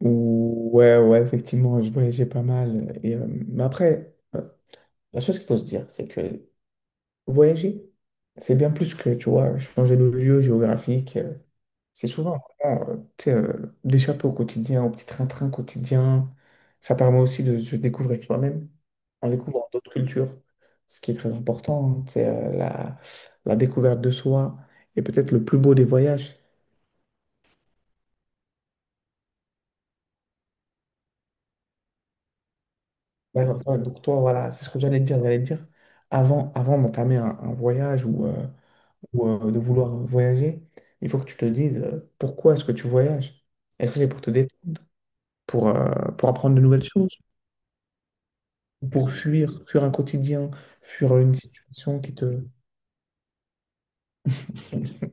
Ouais, ouais, effectivement, je voyageais pas mal. Et, mais après, la chose qu'il faut se dire, c'est que voyager, c'est bien plus que, tu vois, changer de lieu géographique. C'est souvent, vraiment, tu sais, d'échapper au quotidien, au petit train-train quotidien. Ça permet aussi de se découvrir soi-même en découvrant d'autres cultures, ce qui est très important, hein, tu sais, la découverte de soi. Et peut-être le plus beau des voyages. D'accord. Ouais, donc toi, voilà, c'est ce que j'allais te dire. J'allais te dire, avant d'entamer un voyage ou de vouloir voyager, il faut que tu te dises pourquoi est-ce que tu voyages? Est-ce que c'est pour te détendre, pour, euh, pour apprendre de nouvelles choses, ou pour fuir un quotidien, fuir une situation qui te.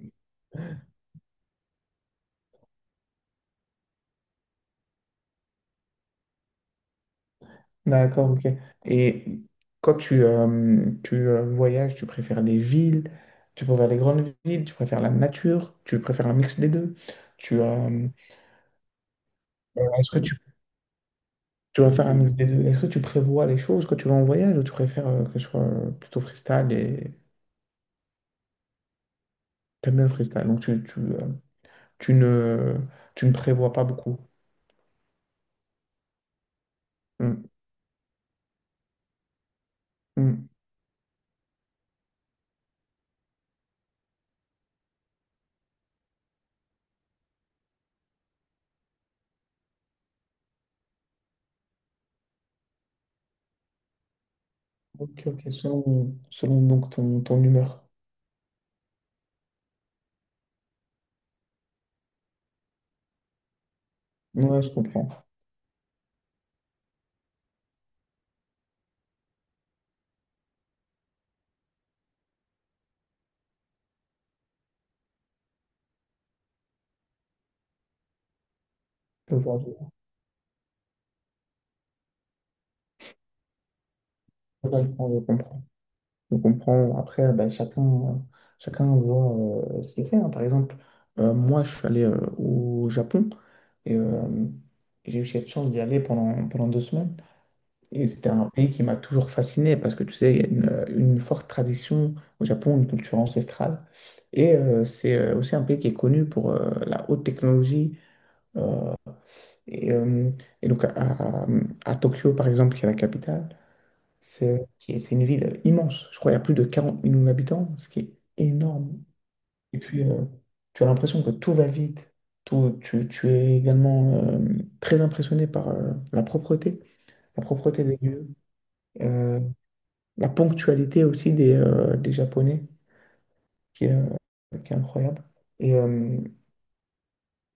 D'accord, ok. Et quand tu voyages, tu préfères les villes, tu préfères les grandes villes, tu préfères la nature, tu préfères un mix des deux. Tu, est-ce que tu Tu vas faire un mix des deux. Est-ce que tu prévois les choses quand tu vas en voyage ou tu préfères que ce soit plutôt freestyle et t'aimes bien le freestyle? Donc tu ne, tu ne prévois pas beaucoup. Hmm, hmm. Ok, ok, selon donc ton humeur. Ouais, je comprends. Je vois, je vois. Je comprends, je comprends. Je comprends. Après, ben, chacun voit ce qu'il fait. Hein. Par exemple, moi, je suis allé au Japon et j'ai eu cette chance d'y aller pendant 2 semaines. Et c'était un pays qui m'a toujours fasciné parce que tu sais, il y a une forte tradition au Japon, une culture ancestrale. Et c'est aussi un pays qui est connu pour la haute technologie. euh, Et, euh, et donc à Tokyo, par exemple, qui est la capitale, c'est une ville immense. Je crois qu'il y a plus de 40 millions d'habitants, ce qui est énorme. Et puis, tu as l'impression que tout va vite. Tout, tu es également très impressionné par la propreté des lieux. Euh, la ponctualité aussi des Japonais, qui est incroyable. Et, euh,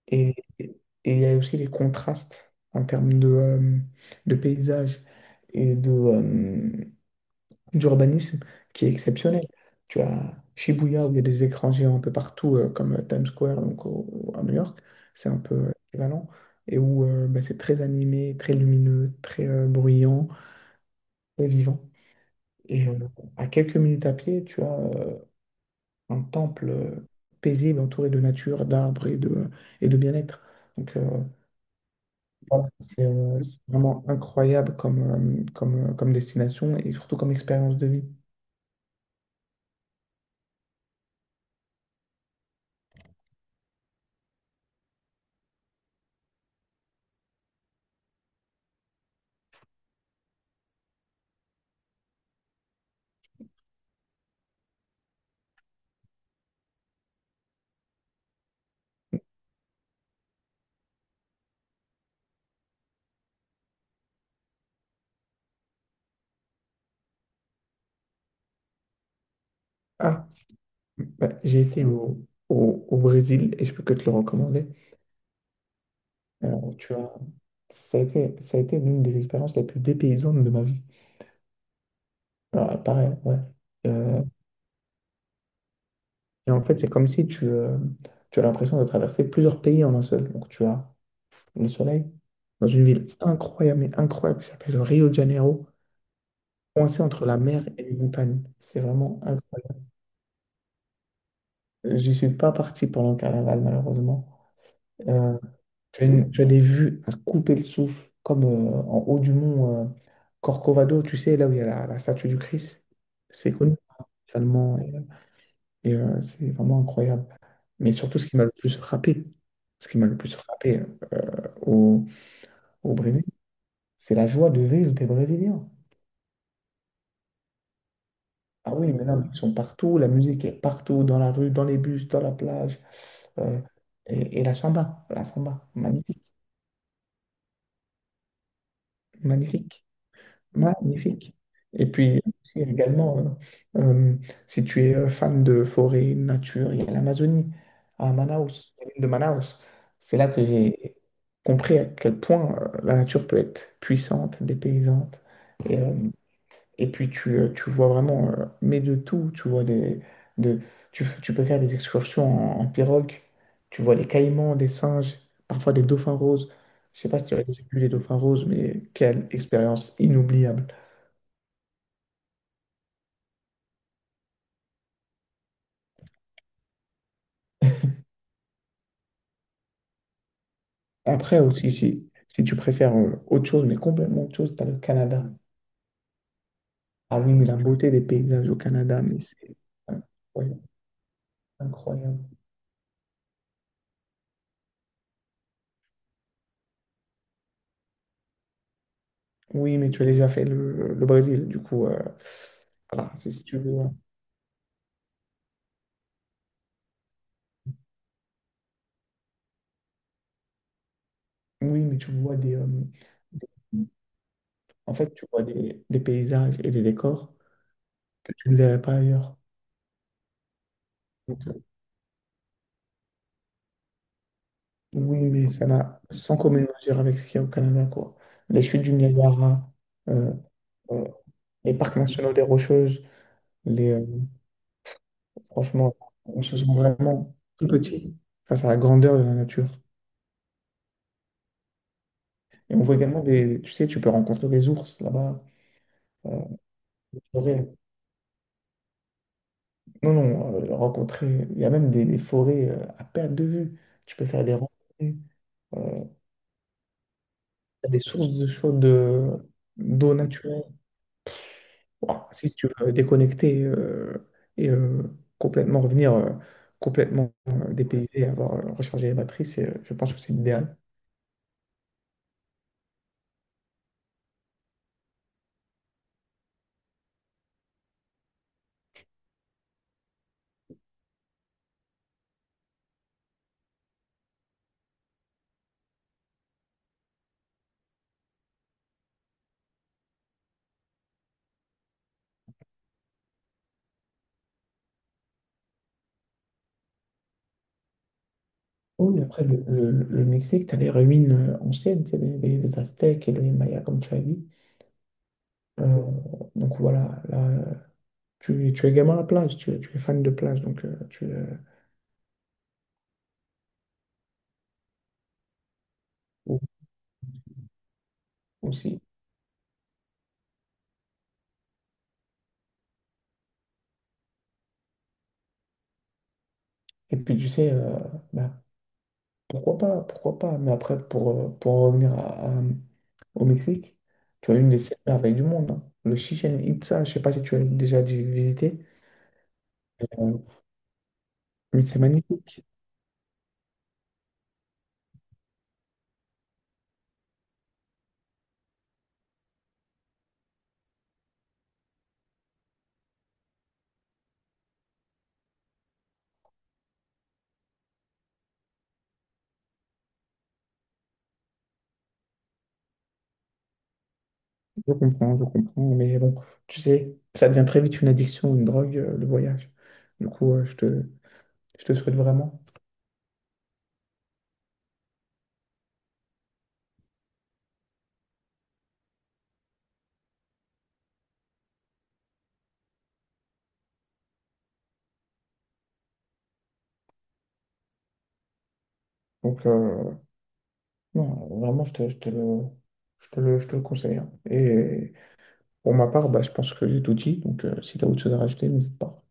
et il y a aussi les contrastes en termes de paysage et d'urbanisme qui est exceptionnel. Tu as Shibuya, où il y a des écrans géants un peu partout, comme Times Square, donc à New York, c'est un peu équivalent, et où bah, c'est très animé, très lumineux, très bruyant, très vivant. Et à quelques minutes à pied, tu as un temple paisible entouré de nature, d'arbres et de bien-être. Donc euh, voilà, c'est vraiment incroyable comme destination et surtout comme expérience de vie. Ah, bah, j'ai été au Brésil et je peux que te le recommander. Alors, ça a été l'une des expériences les plus dépaysantes de ma vie. Alors, pareil, ouais. Euh, et en fait, c'est comme si tu as l'impression de traverser plusieurs pays en un seul. Donc tu as le soleil, dans une ville incroyable, mais incroyable, qui s'appelle Rio de Janeiro, coincée entre la mer et les montagnes. C'est vraiment incroyable. J'y suis pas parti pendant le carnaval, malheureusement. Euh, Tu as des vues à couper le souffle, comme en haut du mont Corcovado, tu sais, là où il y a la statue du Christ. C'est connu mondialement, et c'est vraiment incroyable. Mais surtout, ce qui m'a le plus frappé euh, au, au Brésil, c'est la joie de vivre des Brésiliens. Ah oui, mais non, ils sont partout, la musique est partout, dans la rue, dans les bus, dans la plage. euh, et la samba, magnifique, magnifique, magnifique. Et puis aussi, également, euh, euh, si tu es fan de forêt, nature, il y a l'Amazonie, à Manaus, la ville de Manaus. C'est là que j'ai compris à quel point la nature peut être puissante, dépaysante. Et, euh, Et puis tu vois vraiment, mais de tout, tu vois des, de, tu, f- tu peux faire des excursions en pirogue, tu vois des caïmans, des singes, parfois des dauphins roses. Je sais pas si tu as déjà vu les dauphins roses, mais quelle expérience inoubliable. Après aussi, si tu préfères autre chose, mais complètement autre chose, tu as le Canada. Ah oui, mais la beauté des paysages au Canada, mais c'est incroyable. Incroyable. Oui, mais tu as déjà fait le Brésil, du coup, voilà, c'est si tu veux. Hein. Oui, mais tu vois des, en fait, tu vois des paysages et des décors que tu ne verrais pas ailleurs. Donc, euh, oui, mais ça n'a sans commune mesure avec ce qu'il y a au Canada, quoi. Les chutes du Niagara, euh, euh, les parcs nationaux des Rocheuses, les, euh, franchement, on se sent vraiment tout petit face à la grandeur de la nature. Et on voit également tu sais, tu peux rencontrer des ours là-bas. euh, des forêts. Non, non, rencontrer, il y a même des forêts à perte de vue. Tu peux faire des randonnées. euh, T'as des sources de chaud de d'eau naturelle. Ouah, si tu veux déconnecter et complètement revenir complètement dépaysé, et avoir rechargé les batteries, je pense que c'est l'idéal. Oui, après le Mexique, tu as les ruines anciennes, c'est des Aztèques et les Mayas, comme tu as dit. Euh, donc voilà, là, tu es également à la plage, tu es fan de plage, donc ou- aussi. Et puis tu sais, bah, pourquoi pas, pourquoi pas. Mais après, pour en revenir au Mexique, tu as une des 7 merveilles du monde, hein. Le Chichen Itza, je sais pas si tu as déjà dû visiter. Euh, mais c'est magnifique. Je comprends, je comprends. Mais bon, tu sais, ça devient très vite une addiction, une drogue, le voyage. Du coup, je te souhaite vraiment. Donc, euh, non, vraiment, je te le conseille. Hein. Et pour ma part, bah, je pense que j'ai tout dit. Si tu as autre chose à rajouter, n'hésite pas.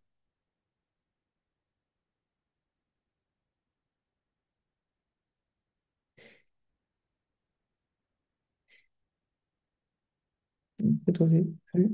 C'est tout dit. Salut.